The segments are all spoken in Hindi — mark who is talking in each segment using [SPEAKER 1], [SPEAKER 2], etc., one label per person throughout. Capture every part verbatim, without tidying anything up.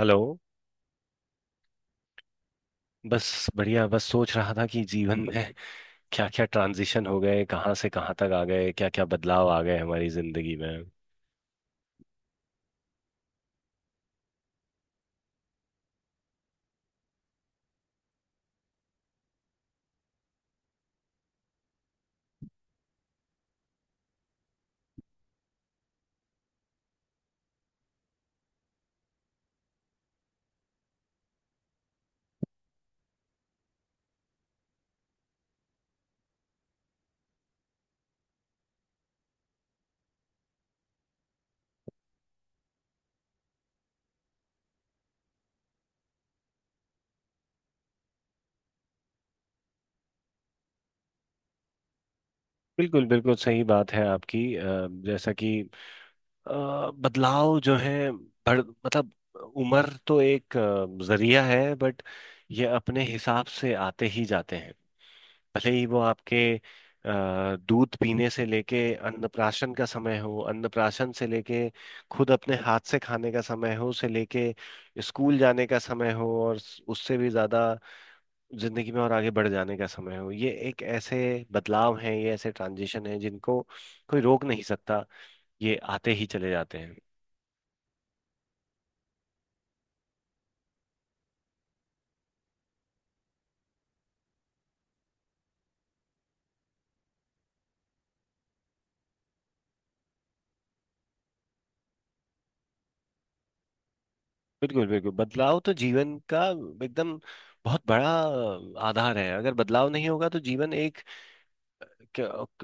[SPEAKER 1] हेलो। बस बढ़िया, बस सोच रहा था कि जीवन में क्या क्या ट्रांजिशन हो गए, कहाँ से कहाँ तक आ गए, क्या क्या बदलाव आ गए हमारी जिंदगी में। बिल्कुल बिल्कुल सही बात है आपकी। अ, जैसा कि अ, बदलाव जो है, बढ़ मतलब उम्र तो एक अ, जरिया है, बट ये अपने हिसाब से आते ही जाते हैं, भले ही वो आपके अ, दूध पीने से लेके, अन्नप्राशन का समय हो, अन्नप्राशन से लेके खुद अपने हाथ से खाने का समय हो, से लेके स्कूल जाने का समय हो, और स- उससे भी ज़्यादा जिंदगी में और आगे बढ़ जाने का समय हो। ये एक ऐसे बदलाव हैं, ये ऐसे ट्रांजिशन हैं जिनको कोई रोक नहीं सकता, ये आते ही चले जाते हैं। बिल्कुल बिल्कुल, बदलाव तो जीवन का एकदम बहुत बड़ा आधार है। अगर बदलाव नहीं होगा तो जीवन एक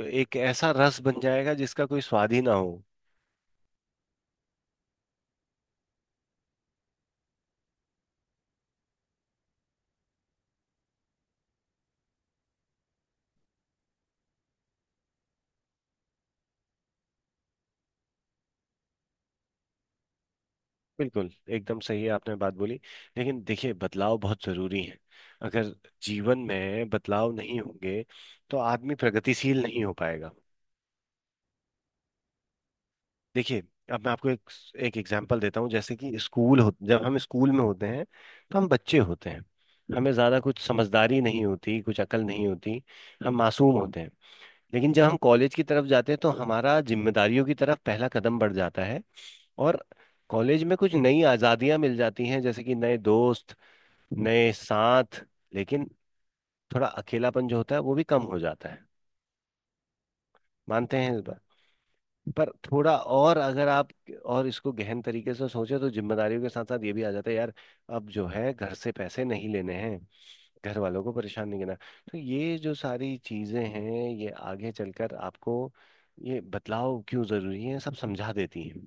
[SPEAKER 1] एक ऐसा रस बन जाएगा जिसका कोई स्वाद ही ना हो। बिल्कुल एकदम सही है, आपने बात बोली। लेकिन देखिए, बदलाव बहुत जरूरी है। अगर जीवन में बदलाव नहीं होंगे तो आदमी प्रगतिशील नहीं हो पाएगा। देखिए, अब मैं आपको एक एक एग्जांपल देता हूँ। जैसे कि स्कूल हो, जब हम स्कूल में होते हैं तो हम बच्चे होते हैं, हमें ज़्यादा कुछ समझदारी नहीं होती, कुछ अकल नहीं होती, हम मासूम होते हैं। लेकिन जब हम कॉलेज की तरफ जाते हैं तो हमारा जिम्मेदारियों की तरफ पहला कदम बढ़ जाता है। और कॉलेज में कुछ नई आज़ादियाँ मिल जाती हैं, जैसे कि नए दोस्त, नए साथ, लेकिन थोड़ा अकेलापन जो होता है वो भी कम हो जाता है। मानते हैं इस बात? पर थोड़ा और अगर आप और इसको गहन तरीके से सोचे, तो जिम्मेदारियों के साथ साथ ये भी आ जाता है यार, अब जो है घर से पैसे नहीं लेने हैं, घर वालों को परेशान नहीं करना। तो ये जो सारी चीजें हैं ये आगे चलकर आपको ये बदलाव क्यों जरूरी है सब समझा देती हैं।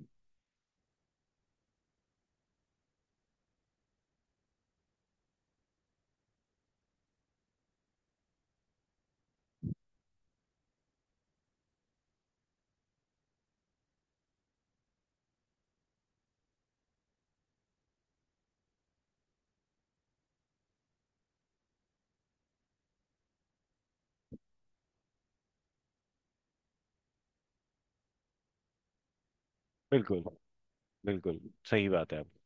[SPEAKER 1] बिल्कुल बिल्कुल सही बात है आपकी।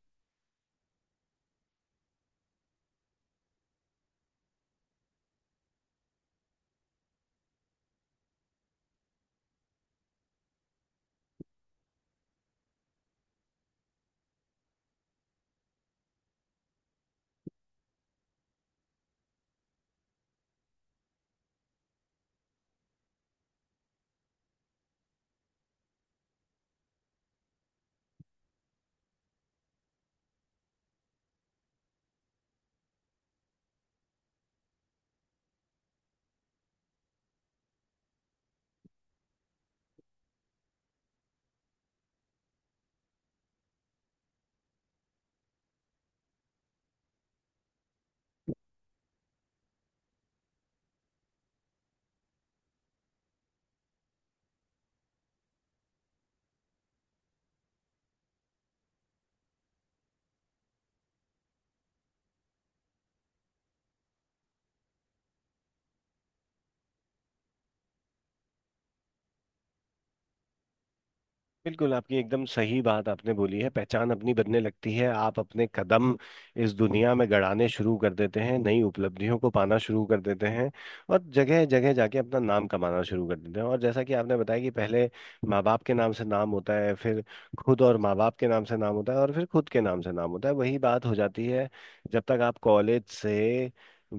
[SPEAKER 1] बिल्कुल, आपकी एकदम सही बात आपने बोली है। पहचान अपनी बनने लगती है, आप अपने कदम इस दुनिया में गड़ाने शुरू कर देते हैं, नई उपलब्धियों को पाना शुरू कर देते हैं और जगह जगह जाके अपना नाम कमाना शुरू कर देते हैं। और जैसा कि आपने बताया कि पहले माँ बाप के नाम से नाम होता है, फिर खुद और माँ बाप के नाम से नाम होता है, और फिर खुद के नाम से नाम होता है। वही बात हो जाती है जब तक आप कॉलेज से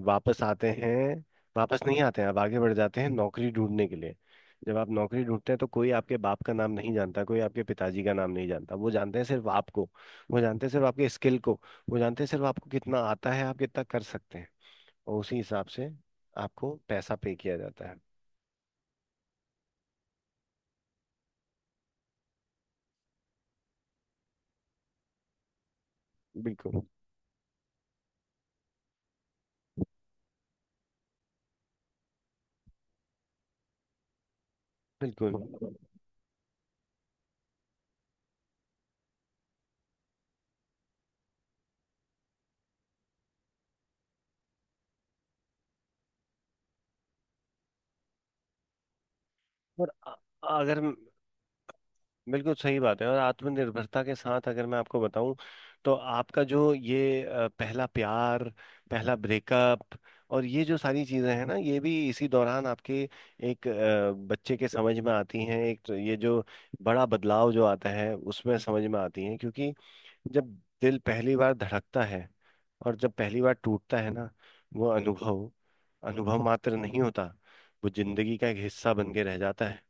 [SPEAKER 1] वापस आते हैं, वापस नहीं आते हैं, आप आगे बढ़ जाते हैं नौकरी ढूंढने के लिए। जब आप नौकरी ढूंढते हैं तो कोई आपके बाप का नाम नहीं जानता, कोई आपके पिताजी का नाम नहीं जानता, वो जानते हैं सिर्फ आपको, वो जानते हैं सिर्फ आपके स्किल को, वो जानते हैं सिर्फ आपको कितना आता है, आप कितना कर सकते हैं, और उसी हिसाब से आपको पैसा पे किया जाता है। बिल्कुल बिल्कुल। और अ- अगर बिल्कुल सही बात है, और आत्मनिर्भरता के साथ अगर मैं आपको बताऊं तो आपका जो ये अ, पहला प्यार, पहला ब्रेकअप, और ये जो सारी चीजें हैं ना ये भी इसी दौरान आपके एक अ, बच्चे के समझ में आती हैं। एक तो ये जो बड़ा बदलाव जो आता है उसमें समझ में आती हैं, क्योंकि जब दिल पहली बार धड़कता है और जब पहली बार टूटता है ना, वो अनुभव, अनुभव मात्र नहीं होता, वो जिंदगी का एक हिस्सा बन के रह जाता है।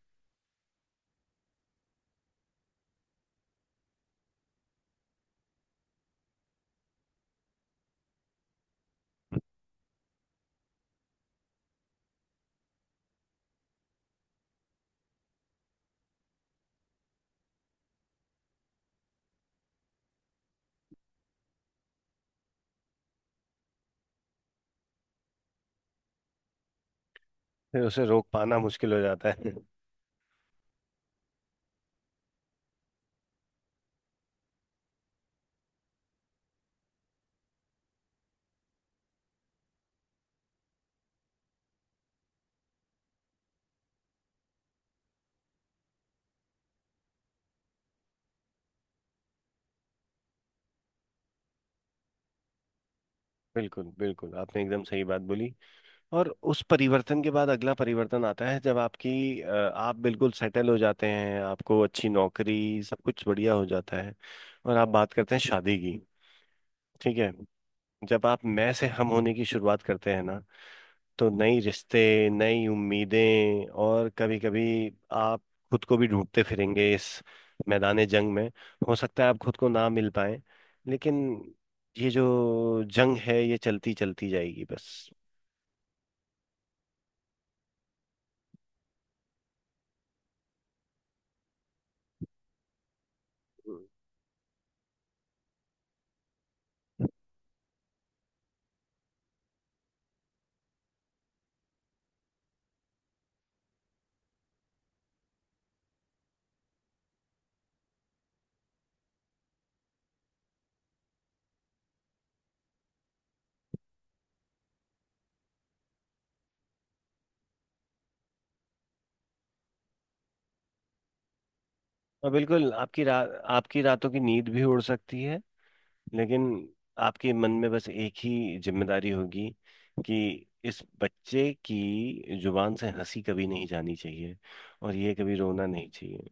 [SPEAKER 1] फिर उसे रोक पाना मुश्किल हो जाता है। बिल्कुल बिल्कुल, आपने एकदम सही बात बोली। और उस परिवर्तन के बाद अगला परिवर्तन आता है जब आपकी अ, आप बिल्कुल सेटल हो जाते हैं, आपको अच्छी नौकरी सब कुछ बढ़िया हो जाता है और आप बात करते हैं शादी की। ठीक है? जब आप मैं से हम होने की शुरुआत करते हैं ना, तो नई रिश्ते, नई उम्मीदें, और कभी कभी आप खुद को भी ढूंढते फिरेंगे इस मैदान जंग में। हो सकता है आप खुद को ना मिल पाए, लेकिन ये जो जंग है ये चलती चलती जाएगी बस। हम्म। और बिल्कुल, आपकी रात आपकी रातों की नींद भी उड़ सकती है। लेकिन आपके मन में बस एक ही जिम्मेदारी होगी, कि इस बच्चे की जुबान से हंसी कभी नहीं जानी चाहिए और ये कभी रोना नहीं चाहिए।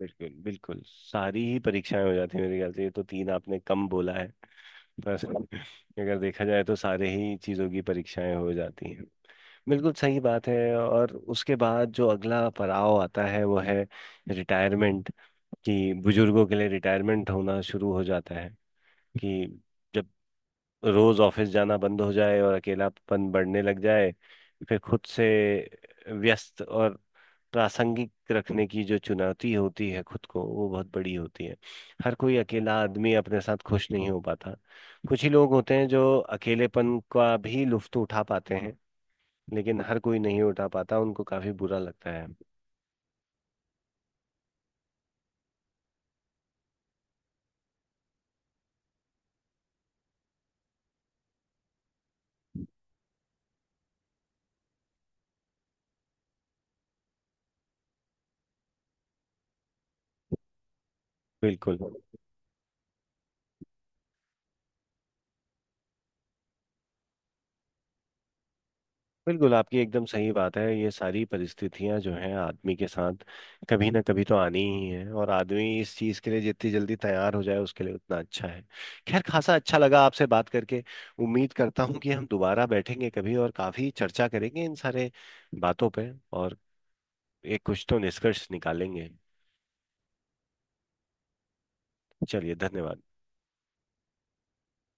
[SPEAKER 1] बिल्कुल बिल्कुल, सारी ही परीक्षाएं हो जाती है मेरे ख्याल से, ये तो तीन आपने कम बोला है। पर अगर देखा जाए तो सारे ही चीज़ों की परीक्षाएं हो जाती हैं। बिल्कुल सही बात है। और उसके बाद जो अगला पड़ाव आता है वो है रिटायरमेंट। कि बुजुर्गों के लिए रिटायरमेंट होना शुरू हो जाता है, कि जब रोज ऑफिस जाना बंद हो जाए और अकेलापन बढ़ने लग जाए, फिर खुद से व्यस्त और प्रासंगिक रखने की जो चुनौती होती है खुद को, वो बहुत बड़ी होती है। हर कोई अकेला आदमी अपने साथ खुश नहीं हो पाता। कुछ ही लोग होते हैं जो अकेलेपन का भी लुत्फ उठा पाते हैं, लेकिन हर कोई नहीं उठा पाता, उनको काफी बुरा लगता है। बिल्कुल बिल्कुल, आपकी एकदम सही बात है। ये सारी परिस्थितियां जो हैं आदमी के साथ कभी ना कभी तो आनी ही है, और आदमी इस चीज़ के लिए जितनी जल्दी तैयार हो जाए उसके लिए उतना अच्छा है। खैर, खासा अच्छा लगा आपसे बात करके। उम्मीद करता हूँ कि हम दोबारा बैठेंगे कभी और काफ़ी चर्चा करेंगे इन सारे बातों पे, और एक कुछ तो निष्कर्ष निकालेंगे। चलिए, धन्यवाद।